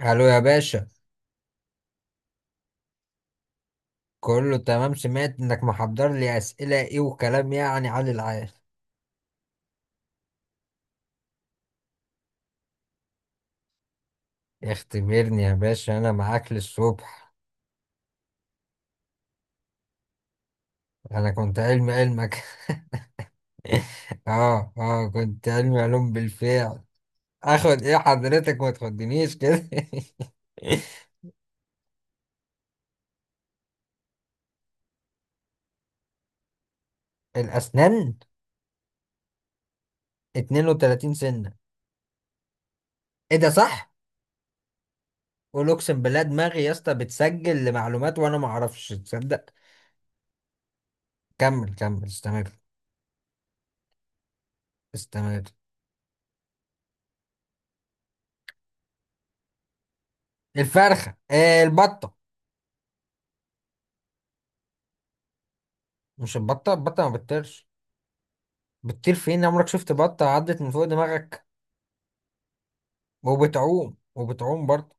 الو يا باشا، كله تمام. سمعت انك محضر لي اسئله ايه وكلام يعني علي العال. اختبرني يا باشا انا معاك للصبح. انا كنت علم علمك اه اه كنت علم علوم بالفعل. اخد ايه حضرتك؟ ما تخدنيش كده الاسنان 32 سنه. ايه ده صح؟ قول اقسم بالله، دماغي يا اسطى بتسجل لمعلومات وانا ما اعرفش، تصدق؟ كمل كمل استمر. استمر. الفرخه آه البطه. مش البطة، البطة ما بتطيرش. بتطير فين؟ عمرك شفت بطة عدت من فوق دماغك؟ وبتعوم وبتعوم برضه.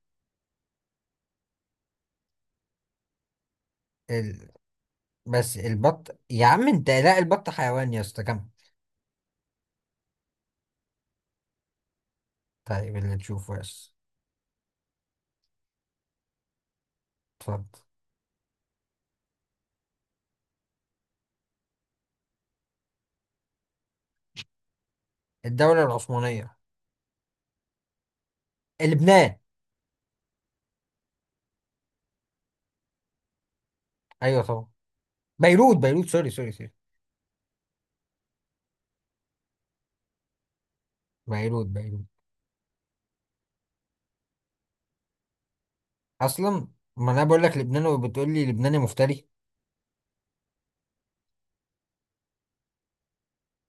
ال... بس البط يا عم انت، لا البط حيوان يا اسطى، كمل. طيب اللي تشوفه بس. اتفضل. الدولة العثمانية. لبنان. ايوه طبعا. بيروت بيروت، سوري سوري سوري. بيروت بيروت. اصلا ما انا بقول لك لبنان وبتقول لي لبناني مفتري.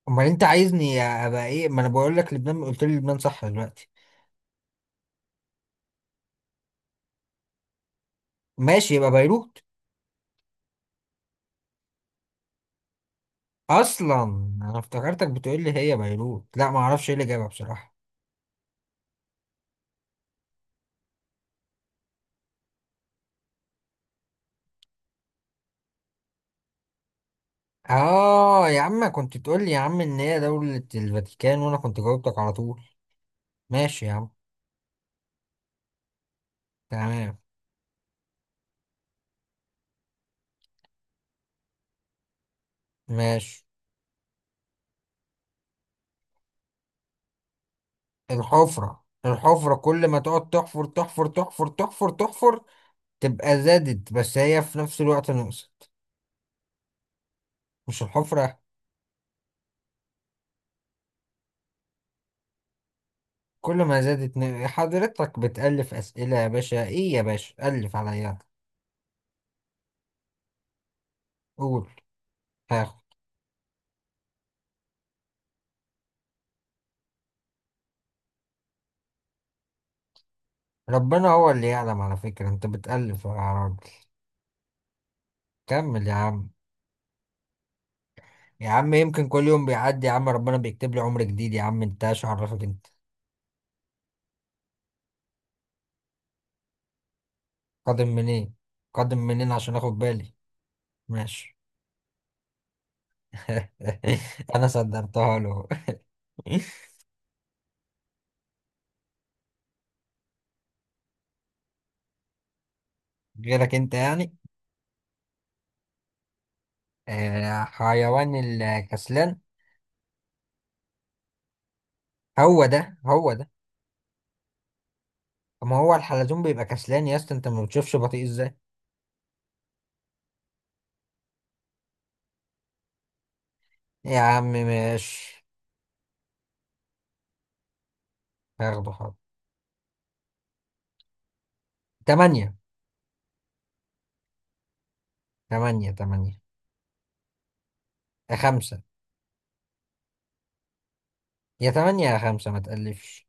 امال انت عايزني ابقى ايه؟ ما انا بقول لك لبنان، قلت لي لبنان صح دلوقتي. ماشي يبقى بيروت. اصلا انا افتكرتك بتقول لي هي بيروت، لا ما اعرفش ايه اللي جابها بصراحه. اه يا عم كنت تقول لي يا عم ان هي دوله الفاتيكان وانا كنت جاوبتك على طول. ماشي يا عم. تمام. ماشي. الحفره الحفره، كل ما تقعد تحفر تحفر تحفر تحفر تحفر تبقى زادت، بس هي في نفس الوقت نقصت. مش الحفره؟ كل ما زادت حضرتك بتألف اسئله يا باشا، ايه يا باشا ألف عليا. قول. ها. ربنا هو اللي يعلم، على فكرة انت بتألف يا عرب. كمل يا عم. يا عم يمكن كل يوم بيعدي يا عم ربنا بيكتب لي عمر جديد، يا عم انت ايش عرفك انت؟ قادم منين؟ قادم منين عشان اخد بالي؟ ماشي انا صدرتها له غيرك انت يعني. آه حيوان الكسلان. هو ده هو ده. ما هو الحلزون بيبقى كسلان يا اسطى، انت ما بتشوفش بطيء ازاي؟ يا عم ماشي. هاخده حاضر. تمانية. تمانية تمانية، يا خمسة. يا تمانية يا خمسة، ما تقلفش.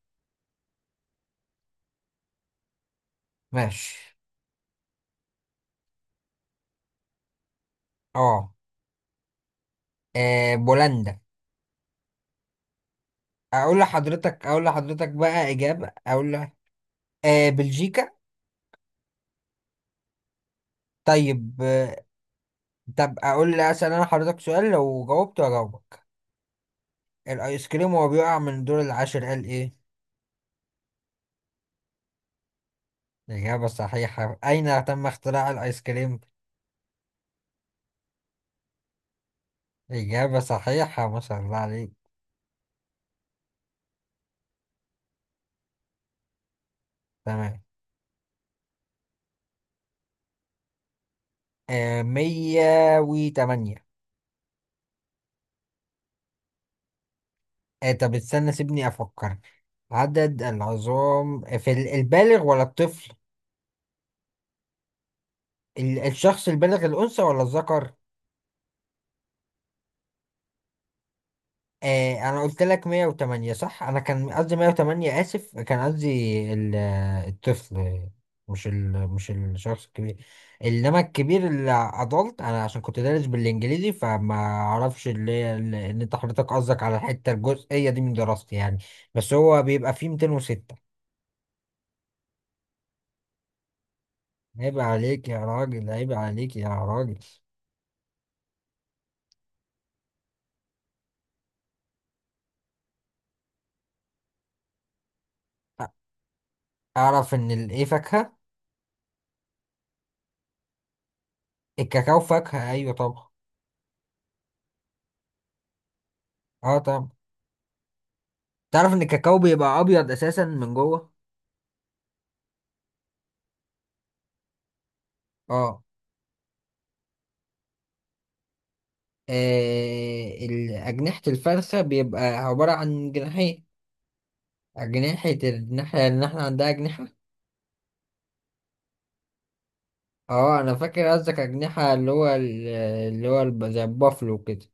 ماشي. اه. آه، بولندا. اقول لحضرتك، اقول لحضرتك بقى اجابه، اقول لك. آه بلجيكا. طيب آه. طب اقول لي، اسال انا حضرتك سؤال لو جاوبت اجاوبك. الايس كريم وهو بيقع من الدور العاشر قال ايه؟ اجابه صحيحه. اين تم اختراع الايس كريم؟ اجابه صحيحه ما شاء الله عليك. تمام. آه 108. آه طب استنى سيبني افكر. عدد العظام في البالغ ولا الطفل؟ الشخص البالغ الانثى ولا الذكر؟ آه انا قلت لك 108 صح، انا كان قصدي 108 اسف كان قصدي ال- الطفل، مش الشخص الكبير. انما الكبير اللي ادلت انا عشان كنت دارس بالانجليزي فما اعرفش اللي هي ان انت حضرتك قصدك على الحته الجزئيه دي من دراستي يعني. بس هو بيبقى فيه 206. عيب عليك يا راجل، عيب عليك يا راجل. أ- اعرف ان الايه فاكهه. الكاكاو فاكهه ايوه طبعا. اه طبعا. تعرف ان الكاكاو بيبقى ابيض اساسا من جوه. اه. آه، أجنحة الفرخة بيبقى عبارة عن جناحين. أجنحة الناحية اللي احنا عندها أجنحة. اه أنا فاكر قصدك أجنحة اللي هو اللي هو زي البافلو كده.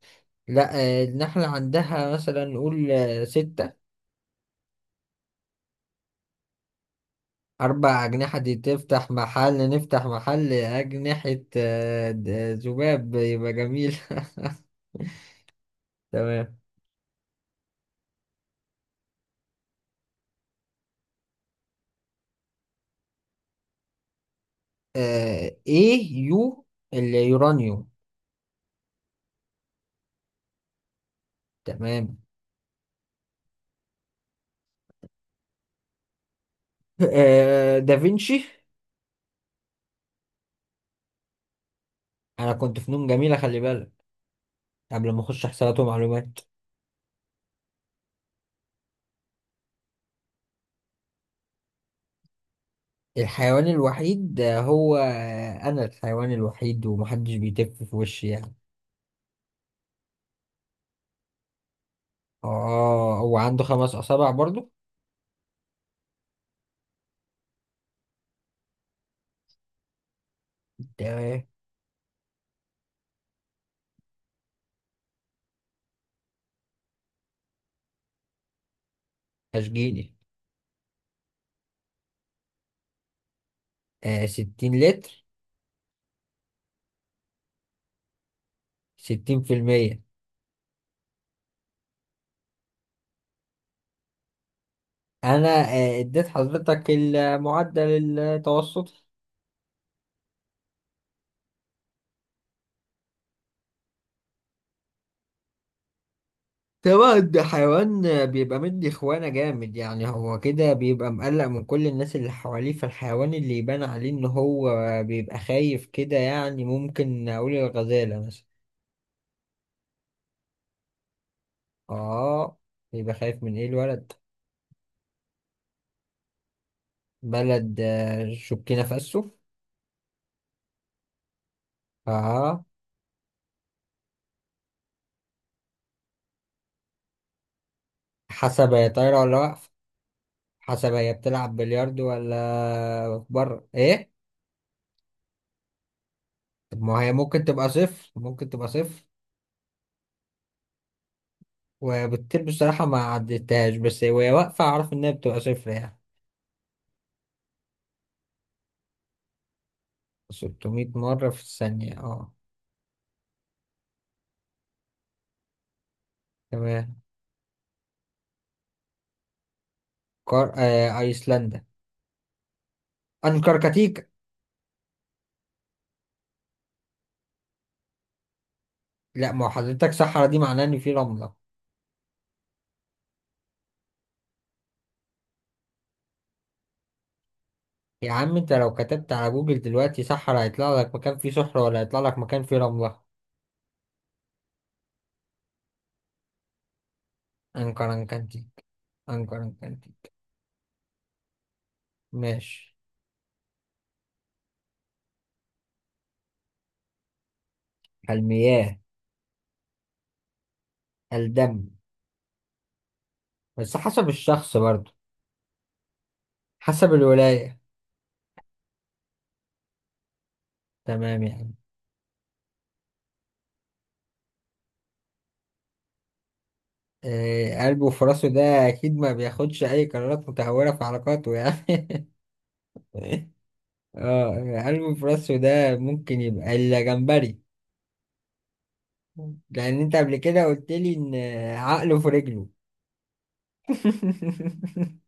لا. آه، النحلة عندها مثلا نقول آه، ستة. أربع أجنحة دي تفتح محل، نفتح محل أجنحة. آه، ذباب يبقى جميل تمام. آه، إيه يو اليورانيوم. تمام. آه، دافنشي. انا كنت فنون جميلة خلي بالك، قبل ما اخش حسابات ومعلومات. الحيوان الوحيد هو انا الحيوان الوحيد، ومحدش بيتف في وشي يعني. اه هو عنده خمس اصابع برضو. ده اشجيني. آه ستين لتر. ستين في المية. انا آه اديت حضرتك المعدل التوسطي. طبعا ده حيوان بيبقى مدي خوانة جامد يعني، هو كده بيبقى مقلق من كل الناس اللي حواليه، فالحيوان اللي يبان عليه ان هو بيبقى خايف كده يعني ممكن اقول الغزالة مثلا. اه بيبقى خايف من ايه الولد. بلد آه، شكينا فاسو. اه. حسب هي طايرة ولا واقفة. حسب هي بتلعب بلياردو ولا بره ايه. طب ما هي ممكن تبقى صفر، ممكن تبقى صفر. وبتطير بصراحة ما عدتهاش، بس وهي واقفة أعرف إنها بتبقى صفر يعني. 600 مرة في الثانية اه. تمام. أيسلندا. أنكركتيك. لا ما هو حضرتك صحرا دي معناه إن في رملة. يا عم أنت لو كتبت على جوجل دلوقتي صحرا هيطلع لك مكان فيه صحرا ولا هيطلع لك مكان فيه رملة؟ أنكركتيك. أنكركتيك ماشي. المياه. الدم. بس حسب الشخص برضو. حسب الولاية. تمام يعني. آه... قلبه وفراسه ده أكيد ما بياخدش أي قرارات متهورة في علاقاته يعني اه. قلب في راسه ده ممكن يبقى الجمبري، لان انت قبل كده قلت لي ان عقله في رجله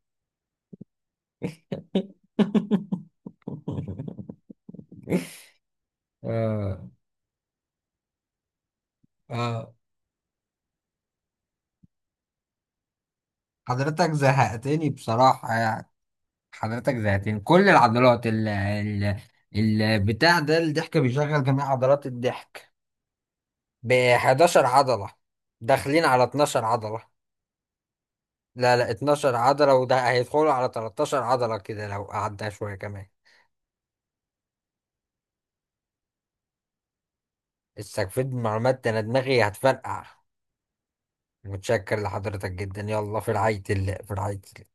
اه. اه حضرتك زهقتني بصراحة يعني. حضرتك زهقتني. كل العضلات ال البتاع ده، الضحك بيشغل جميع عضلات الضحك. ب 11 عضلة. داخلين على 12 عضلة. لا لا 12 عضلة، وده هيدخلوا على 13 عضلة كده لو قعدنا شوية كمان. استكفيت من معلومات؟ ده انا دماغي هتفرقع. متشكر لحضرتك جدا، يلا في رعاية الله، في رعاية الله.